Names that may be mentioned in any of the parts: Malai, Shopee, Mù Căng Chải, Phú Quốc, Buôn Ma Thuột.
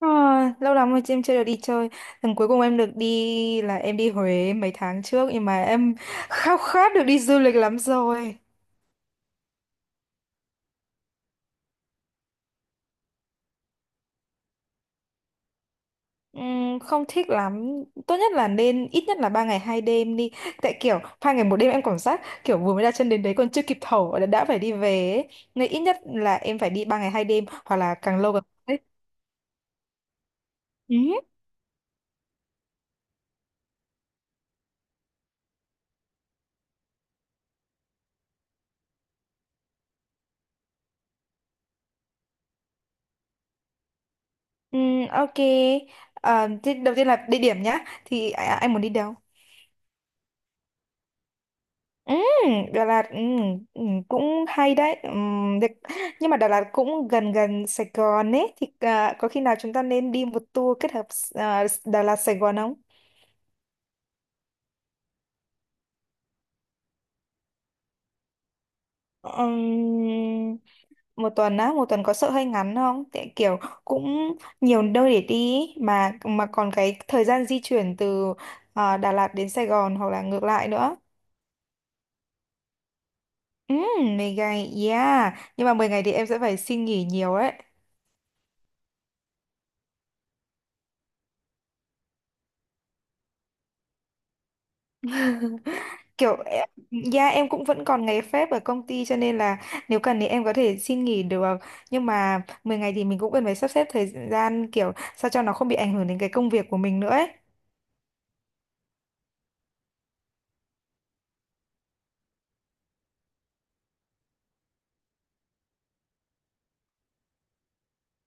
À, lâu lắm rồi chị em chưa được đi chơi. Lần cuối cùng em được đi là em đi Huế mấy tháng trước nhưng mà em khao khát được đi du lịch lắm rồi. Không thích lắm. Tốt nhất là nên ít nhất là 3 ngày 2 đêm đi. Tại kiểu 3 ngày 1 đêm em cảm giác kiểu vừa mới đặt chân đến đấy còn chưa kịp thở đã phải đi về ấy. Nên ít nhất là em phải đi 3 ngày 2 đêm hoặc là càng lâu càng tốt ấy. Ừ. Ok. À, thế đầu tiên là địa điểm nhá. Thì anh muốn đi đâu? Ừ, Đà Lạt. Ừ, ừ, cũng hay đấy. Được. Nhưng mà Đà Lạt cũng gần gần Sài Gòn ấy thì có khi nào chúng ta nên đi một tour kết hợp Đà Lạt Sài Gòn không? Ừm, một tuần á, một tuần có sợ hơi ngắn không? Tại kiểu cũng nhiều nơi để đi ý, mà còn cái thời gian di chuyển từ Đà Lạt đến Sài Gòn hoặc là ngược lại nữa. Ừ, 10 ngày, yeah. Nhưng mà 10 ngày thì em sẽ phải xin nghỉ nhiều đấy. kiểu em- dạ em cũng vẫn còn ngày phép ở công ty cho nên là nếu cần thì em có thể xin nghỉ được, nhưng mà 10 ngày thì mình cũng cần phải sắp xếp thời gian kiểu sao cho nó không bị ảnh hưởng đến cái công việc của mình nữa ấy.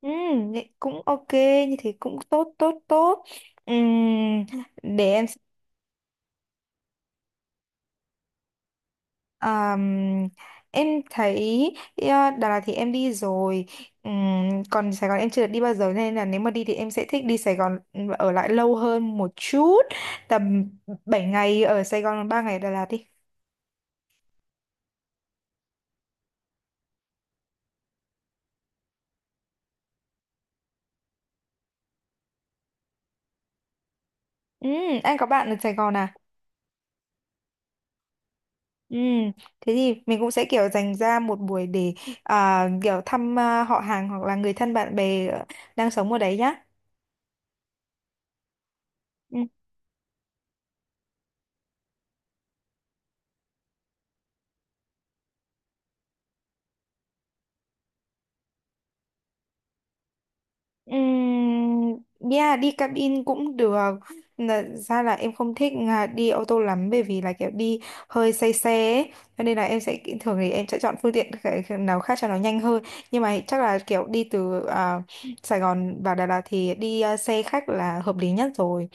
Ừ, cũng ok, như thế cũng tốt tốt tốt. Ừm, để em. Ờm, em thấy ờ, Đà Lạt thì em đi rồi. Còn Sài Gòn em chưa được đi bao giờ nên là nếu mà đi thì em sẽ thích đi Sài Gòn và ở lại lâu hơn một chút, tầm 7 ngày ở Sài Gòn, 3 ngày ở Đà Lạt đi. Ừm, anh có bạn ở Sài Gòn à? Ừm, thế thì mình cũng sẽ kiểu dành ra một buổi để kiểu thăm họ hàng hoặc là người thân bạn bè đang sống ở đấy nhá. Yeah, đi cabin cũng được. Ra là em không thích đi ô tô lắm bởi vì là kiểu đi hơi say xe ấy. Cho nên là em sẽ thường thì em sẽ chọn phương tiện cái nào khác cho nó nhanh hơn. Nhưng mà chắc là kiểu đi từ Sài Gòn vào Đà Lạt thì đi xe khách là hợp lý nhất rồi.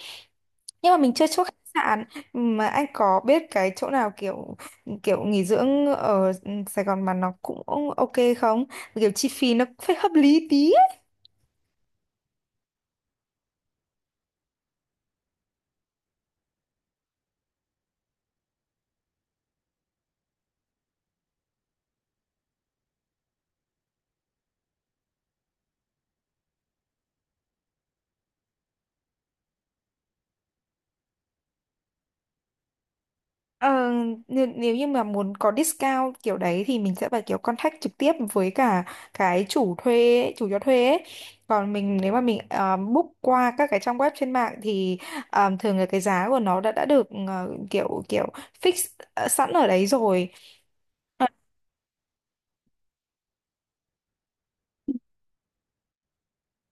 Nhưng mà mình chưa chốt khách sạn, mà anh có biết cái chỗ nào kiểu kiểu nghỉ dưỡng ở Sài Gòn mà nó cũng ok không? Kiểu chi phí nó phải hợp lý tí. Ờ, nếu như mà muốn có discount kiểu đấy thì mình sẽ phải kiểu contact trực tiếp với cả cái chủ thuê ấy, chủ cho thuê ấy. Còn mình nếu mà mình book qua các cái trang web trên mạng thì thường là cái giá của nó đã được kiểu kiểu fix sẵn ở đấy rồi. Ờ.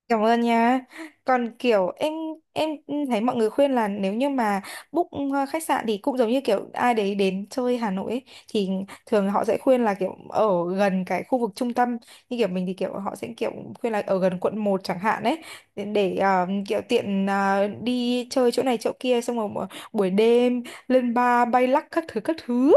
Cảm ơn nha. Còn kiểu em thấy mọi người khuyên là nếu như mà book khách sạn thì cũng giống như kiểu ai đấy đến chơi Hà Nội ấy, thì thường họ sẽ khuyên là kiểu ở gần cái khu vực trung tâm, như kiểu mình thì kiểu họ sẽ kiểu khuyên là ở gần quận 1 chẳng hạn ấy, để kiểu tiện đi chơi chỗ này chỗ kia xong rồi buổi đêm lên bar bay lắc các thứ các thứ.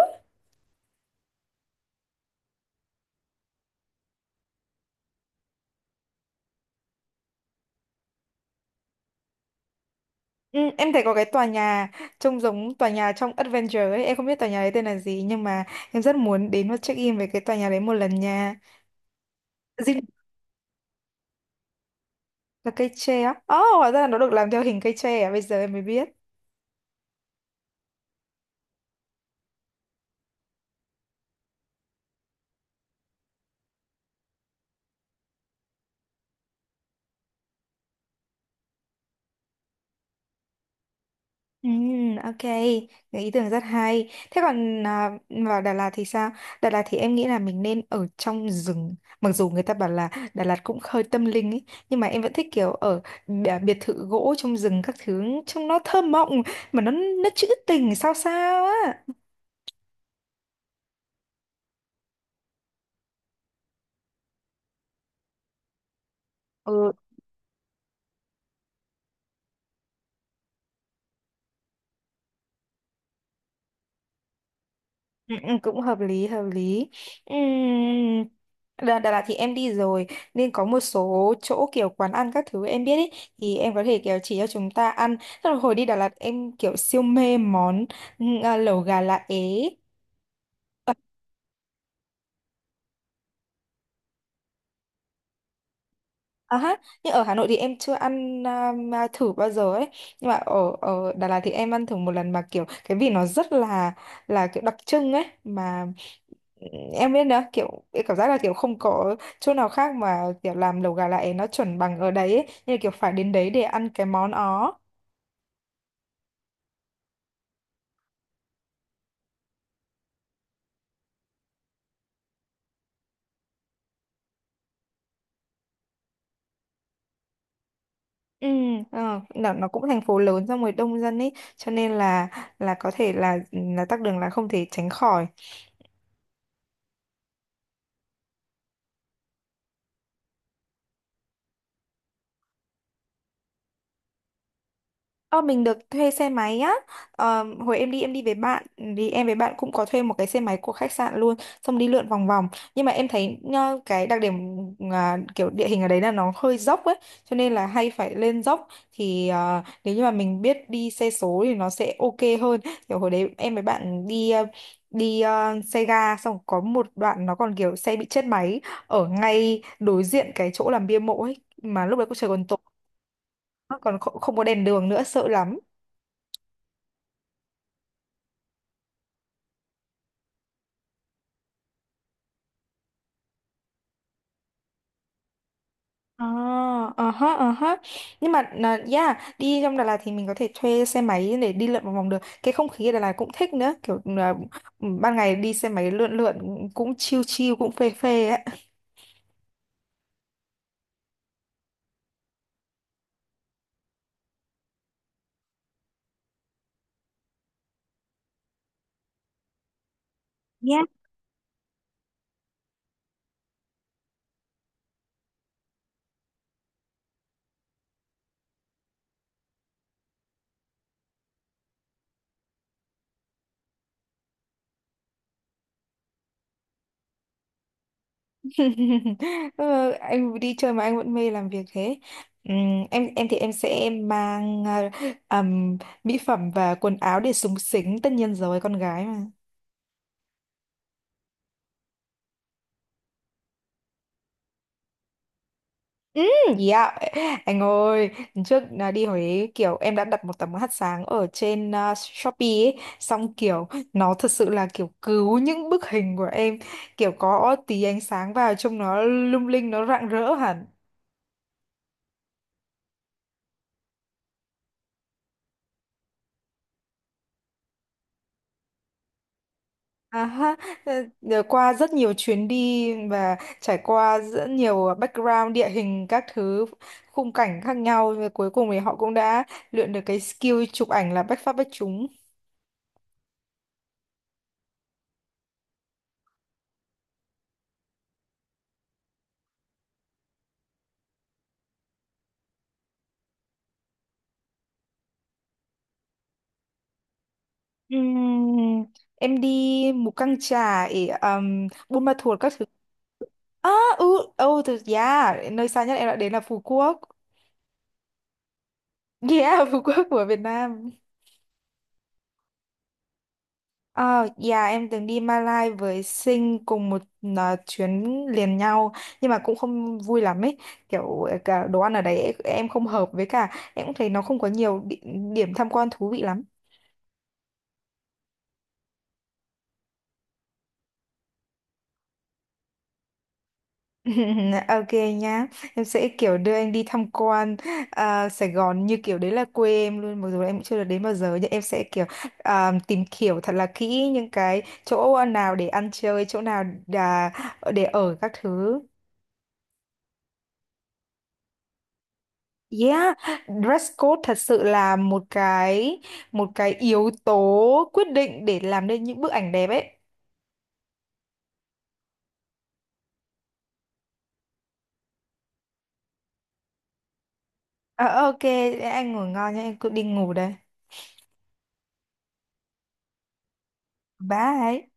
Ừ, em thấy có cái tòa nhà trông giống tòa nhà trong Adventure ấy, em không biết tòa nhà đấy tên là gì nhưng mà em rất muốn đến và check in về cái tòa nhà đấy một lần nha. Dinh là cây tre á. Ồ, oh, hóa ra là nó được làm theo hình cây tre à, bây giờ em mới biết. Ừ, ok, cái ý tưởng rất hay. Thế còn vào Đà Lạt thì sao? Đà Lạt thì em nghĩ là mình nên ở trong rừng. Mặc dù người ta bảo là Đà Lạt cũng hơi tâm linh ấy, nhưng mà em vẫn thích kiểu ở biệt thự gỗ trong rừng các thứ, trông nó thơ mộng mà nó trữ tình sao sao á. Ừ, ừ, ừ, cũng hợp lý hợp lý. Ừm, Đà Lạt thì em đi rồi nên có một số chỗ kiểu quán ăn các thứ em biết ý, thì em có thể kiểu chỉ cho chúng ta ăn. Tức là hồi đi Đà Lạt em kiểu siêu mê món lẩu gà lá é. Ờ. À, ha. Nhưng ở Hà Nội thì em chưa ăn mà thử bao giờ ấy, nhưng mà ở ở Đà Lạt thì em ăn thử một lần mà kiểu cái vị nó rất là kiểu đặc trưng ấy mà, em biết đó kiểu em cảm giác là kiểu không có chỗ nào khác mà kiểu làm lẩu gà lại nó chuẩn bằng ở đấy ấy. Như là kiểu phải đến đấy để ăn cái món đó. Ừ. Nó cũng thành phố lớn xong rồi đông dân ấy cho nên là có thể là là tắc đường là không thể tránh khỏi. Ờ, mình được thuê xe máy á. Ờ, hồi em đi với bạn thì em với bạn cũng có thuê một cái xe máy của khách sạn luôn, xong đi lượn vòng vòng. Nhưng mà em thấy cái đặc điểm kiểu địa hình ở đấy là nó hơi dốc ấy cho nên là hay phải lên dốc thì nếu như mà mình biết đi xe số thì nó sẽ ok hơn. Kiểu hồi đấy em với bạn đi đi xe ga xong có một đoạn nó còn kiểu xe bị chết máy ở ngay đối diện cái chỗ làm bia mộ ấy, mà lúc đấy cũng trời còn tối, còn không không có đèn đường nữa, sợ lắm. Ờ ờ hớ, ờ hớ. Nhưng mà là yeah, đi trong Đà Lạt thì mình có thể thuê xe máy để đi lượn một vòng được. Cái không khí ở Đà Lạt cũng thích nữa, kiểu là ban ngày đi xe máy lượn lượn cũng chill chill cũng phê phê á. Yeah. Ờ, anh đi chơi mà anh vẫn mê làm việc thế. Ừm, em thì em sẽ mang ừm, mỹ phẩm và quần áo để xúng xính, tất nhiên rồi con gái mà. Ừ, gì? Anh ơi, lần trước đi Huế kiểu em đã đặt một tấm hạt sáng ở trên Shopee ấy, xong kiểu nó thật sự là kiểu cứu những bức hình của em, kiểu có tí ánh sáng vào trông nó lung linh, nó rạng rỡ hẳn. À ha, ờ, nhờ qua rất nhiều chuyến đi và trải qua rất nhiều background địa hình các thứ, khung cảnh khác nhau, và cuối cùng thì họ cũng đã luyện được cái skill chụp ảnh là bách phát bách trúng. Ừm, em đi Mù Căng Chải, Buôn Ma Thuột các thứ. À, ừ, oh, yeah, nơi xa nhất em đã đến là Phú Quốc. Yeah, Phú Quốc của Việt Nam. Ờ, dạ em từng đi Malai với Sinh cùng một chuyến liền nhau, nhưng mà cũng không vui lắm ấy, kiểu cả đồ ăn ở đấy em không hợp với cả em cũng thấy nó không có nhiều địa, điểm tham quan thú vị lắm. Ok nhá, em sẽ kiểu đưa anh đi tham quan Sài Gòn như kiểu đấy là quê em luôn. Mặc dù em cũng chưa được đến bao giờ nhưng em sẽ kiểu tìm hiểu thật là kỹ những cái chỗ nào để ăn chơi, chỗ nào để ở các thứ. Yeah, dress code thật sự là một cái yếu tố quyết định để làm nên những bức ảnh đẹp ấy. Ờ, ok, anh ngủ ngon nhá, em cứ đi ngủ đây. Bye.